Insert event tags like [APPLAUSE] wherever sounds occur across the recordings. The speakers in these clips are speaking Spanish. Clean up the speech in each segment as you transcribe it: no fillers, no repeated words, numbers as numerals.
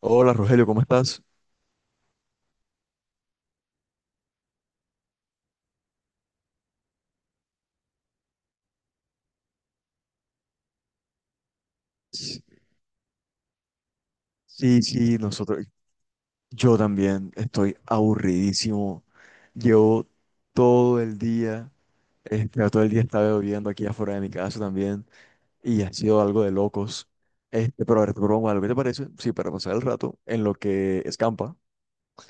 Hola Rogelio, ¿cómo estás? S- Sí, sí, nosotros, yo también estoy aburridísimo. Llevo todo el día, todo el día estaba lloviendo aquí afuera de mi casa también y ha sido algo de locos. Pero a ver, te propongo algo, ¿qué te parece? Sí, para pasar el rato en lo que escampa,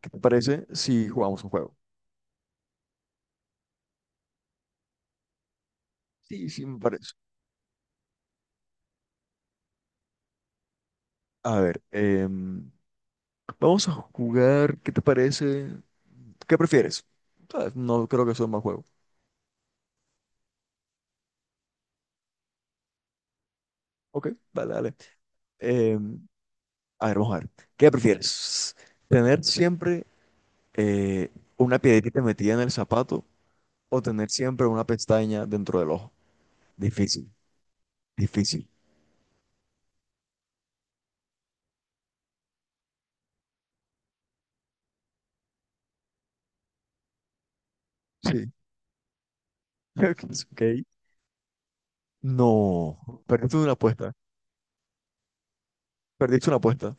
¿qué te parece si jugamos un juego? Sí, sí, me parece. A ver, vamos a jugar, ¿qué te parece? ¿Qué prefieres? No creo que sea un mal juego. Ok, dale, dale. Em, A ver, vamos a ver. ¿Qué prefieres? ¿Tener siempre eh, una piedrita metida en el zapato o tener siempre una pestaña dentro del ojo? Difícil, difícil. Sí. [LAUGHS] Ok. No, perdiste una apuesta. Perdiste una apuesta.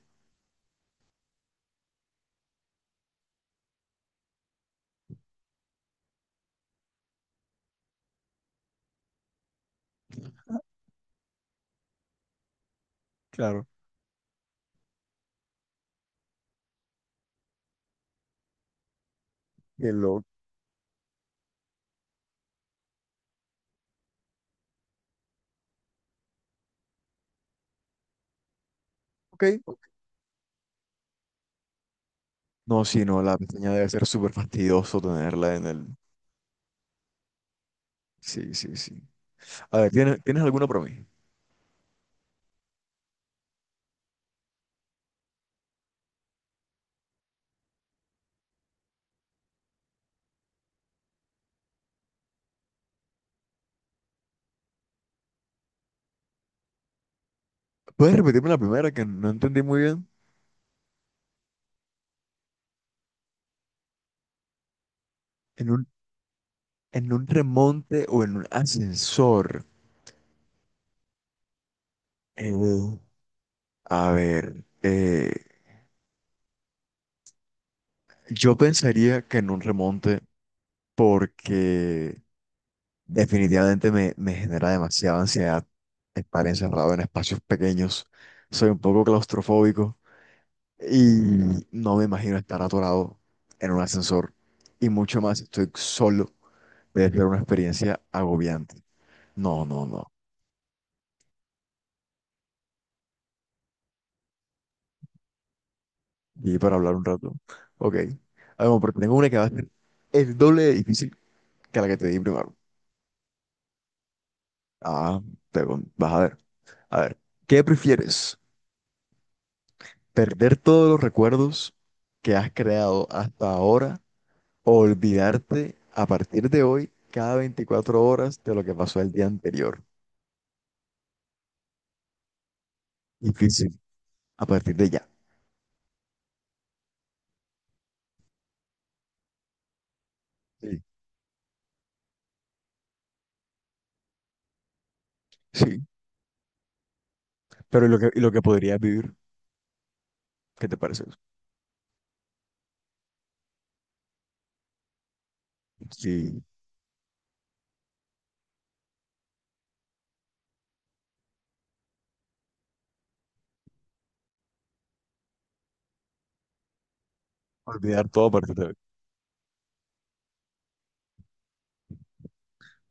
Claro. Qué loco. Ok. No, sí, no, la pestaña debe ser súper fastidioso tenerla en el... Sí, sí, sí. A ver, ¿tienes alguna para mí? ¿Puedes repetirme la primera que no entendí muy bien? En un, en un remonte o en un ascensor. Eh, A ver, yo pensaría que en un remonte porque definitivamente me genera demasiada ansiedad estar encerrado en espacios pequeños. Soy un poco claustrofóbico y no me imagino estar atorado en un ascensor. Y mucho más si estoy solo. Debe ser una experiencia agobiante. No, no, no. Y para hablar un rato. Ok. Ah, bueno, pero tengo una que va a ser el doble de difícil que la que te di primero. Ah, vas a ver. A ver, ¿qué prefieres? ¿Perder todos los recuerdos que has creado hasta ahora o olvidarte a partir de hoy cada 24 horas de lo que pasó el día anterior? Difícil. A partir de ya. Sí. Sí. Pero y lo que podrías vivir? ¿Qué te parece eso? Sí. Olvidar todo a partir de hoy.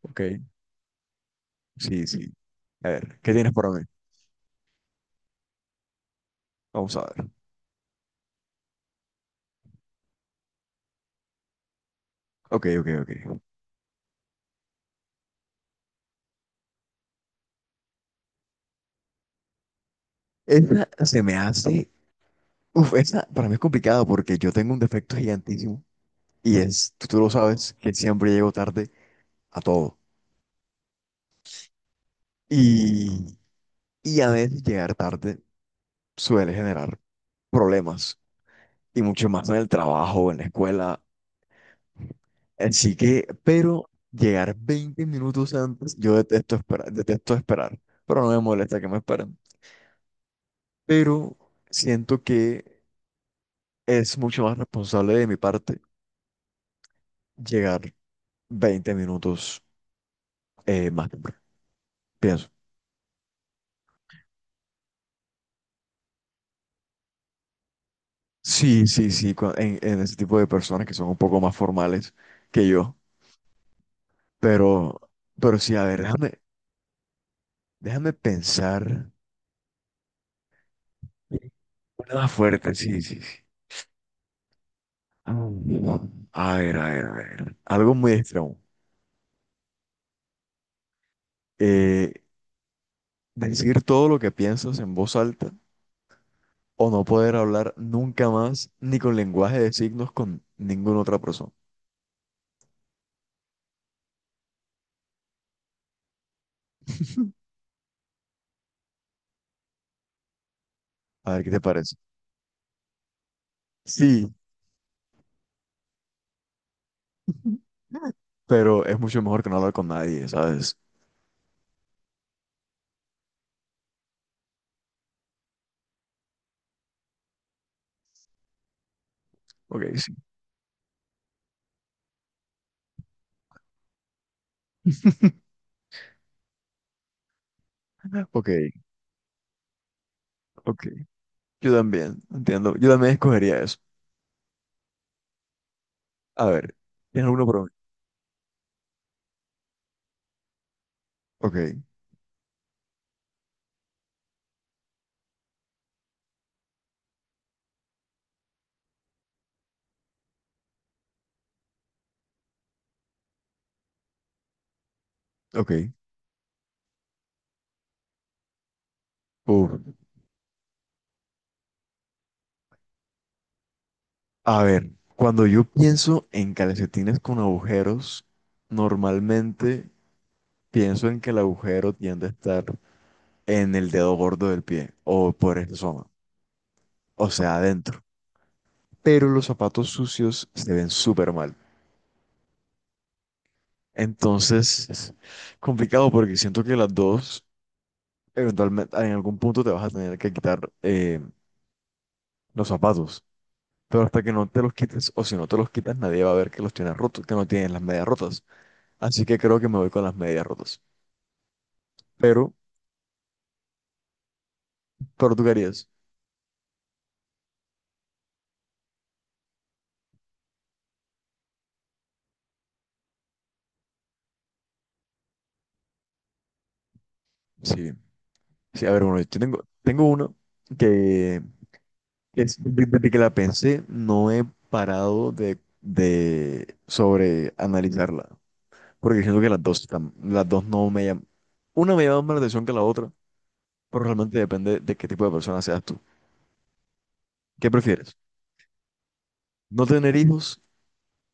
Ok. Sí, sí. A ver, ¿qué tienes para mí? Vamos a ver. Ok, ok, ok. Esa se me hace... Uf, esa para mí es complicada porque yo tengo un defecto gigantísimo y es, tú lo sabes, que siempre llego tarde a todo. Y, y a veces llegar tarde suele generar problemas, y mucho más en el trabajo, en la escuela. Así que, pero llegar 20 minutos antes, yo detesto esperar, pero no me molesta que me esperen. Pero siento que es mucho más responsable de mi parte llegar 20 minutos más temprano, pienso. Sí, sí, sí, en ese tipo de personas que son un poco más formales que yo. Pero, pero sí, a ver, déjame, déjame pensar. Una más fuerte, sí, sí, sí. Ah, A ver, a ver, a ver. Algo muy extremo. Eh, Decir todo lo que piensas en voz alta o no poder hablar nunca más ni con lenguaje de signos con ninguna otra persona. A ver, ¿qué te parece? Sí, [LAUGHS] pero es mucho mejor que no hablar con nadie, ¿sabes? Ok, sí. Ok, ok. Yo también, entiendo. Yo también escogería eso. A ver, ¿tienes alguno para mí? Ok, ok. Uf. A ver, cuando yo pienso en calcetines con agujeros, normalmente pienso en que el agujero tiende a estar en el dedo gordo del pie o por esa zona, o sea, adentro. Pero los zapatos sucios se ven súper mal. Entonces, es complicado porque siento que las dos, eventualmente, en algún punto te vas a tener que quitar los zapatos. Pero hasta que no te los quites, o si no te los quitas, nadie va a ver que los tienes rotos, que no tienes las medias rotas. Así que creo que me voy con las medias rotas. Pero, pero tú qué harías. Sí, sí, a ver, bueno, yo tengo, tengo una que es, desde que la pensé, no he parado de sobre analizarla. Porque siento que las dos no me llaman. Una me llama más la atención que la otra, pero realmente depende de qué tipo de persona seas tú. ¿Qué prefieres? ¿No tener hijos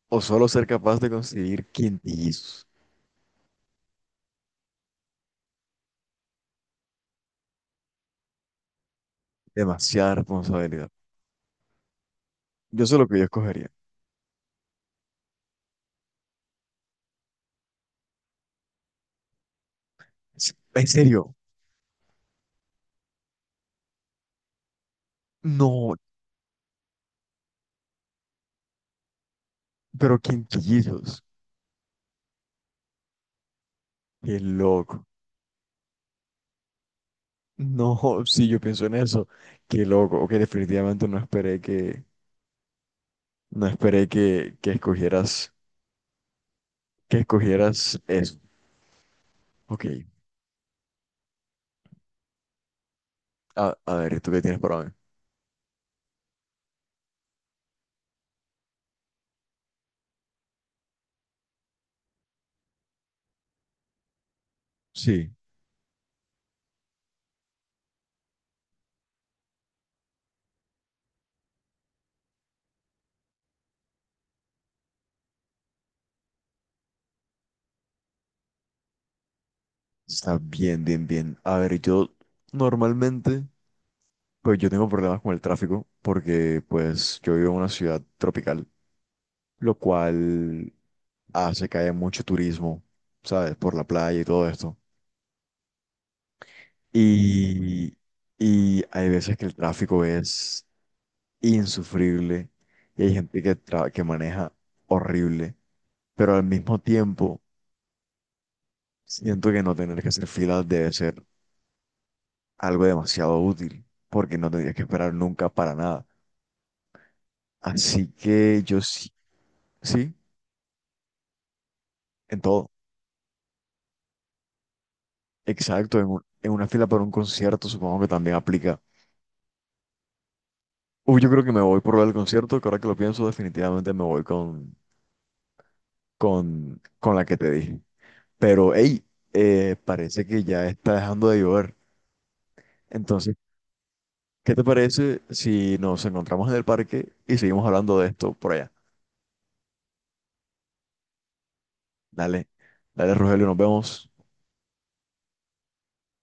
o solo ser capaz de conseguir quintillizos? Demasiada responsabilidad. Yo sé lo que yo escogería. En serio, no, pero quinquillos. Qué loco. No, sí, yo pienso en eso. Qué loco. Ok, definitivamente no esperé que, que escogieras eso. Ok, a ver, ¿tú qué tienes para mí? Sí, está bien, bien, bien. A ver, yo normalmente, pues yo tengo problemas con el tráfico porque pues yo vivo en una ciudad tropical, lo cual hace que haya mucho turismo, ¿sabes? Por la playa y todo esto. Y, y hay veces que el tráfico es insufrible y hay gente que, que maneja horrible, pero al mismo tiempo siento que no tener que hacer filas debe ser algo demasiado útil, porque no tendrías que esperar nunca para nada. Así que yo sí, sí, en todo. Exacto, en, en una fila para un concierto supongo que también aplica. Uy, yo creo que me voy por lo del concierto, que ahora que lo pienso, definitivamente me voy con, con la que te dije. Pero, hey, parece que ya está dejando de llover. Entonces, ¿qué te parece si nos encontramos en el parque y seguimos hablando de esto por allá? Dale, dale, Rogelio, nos vemos.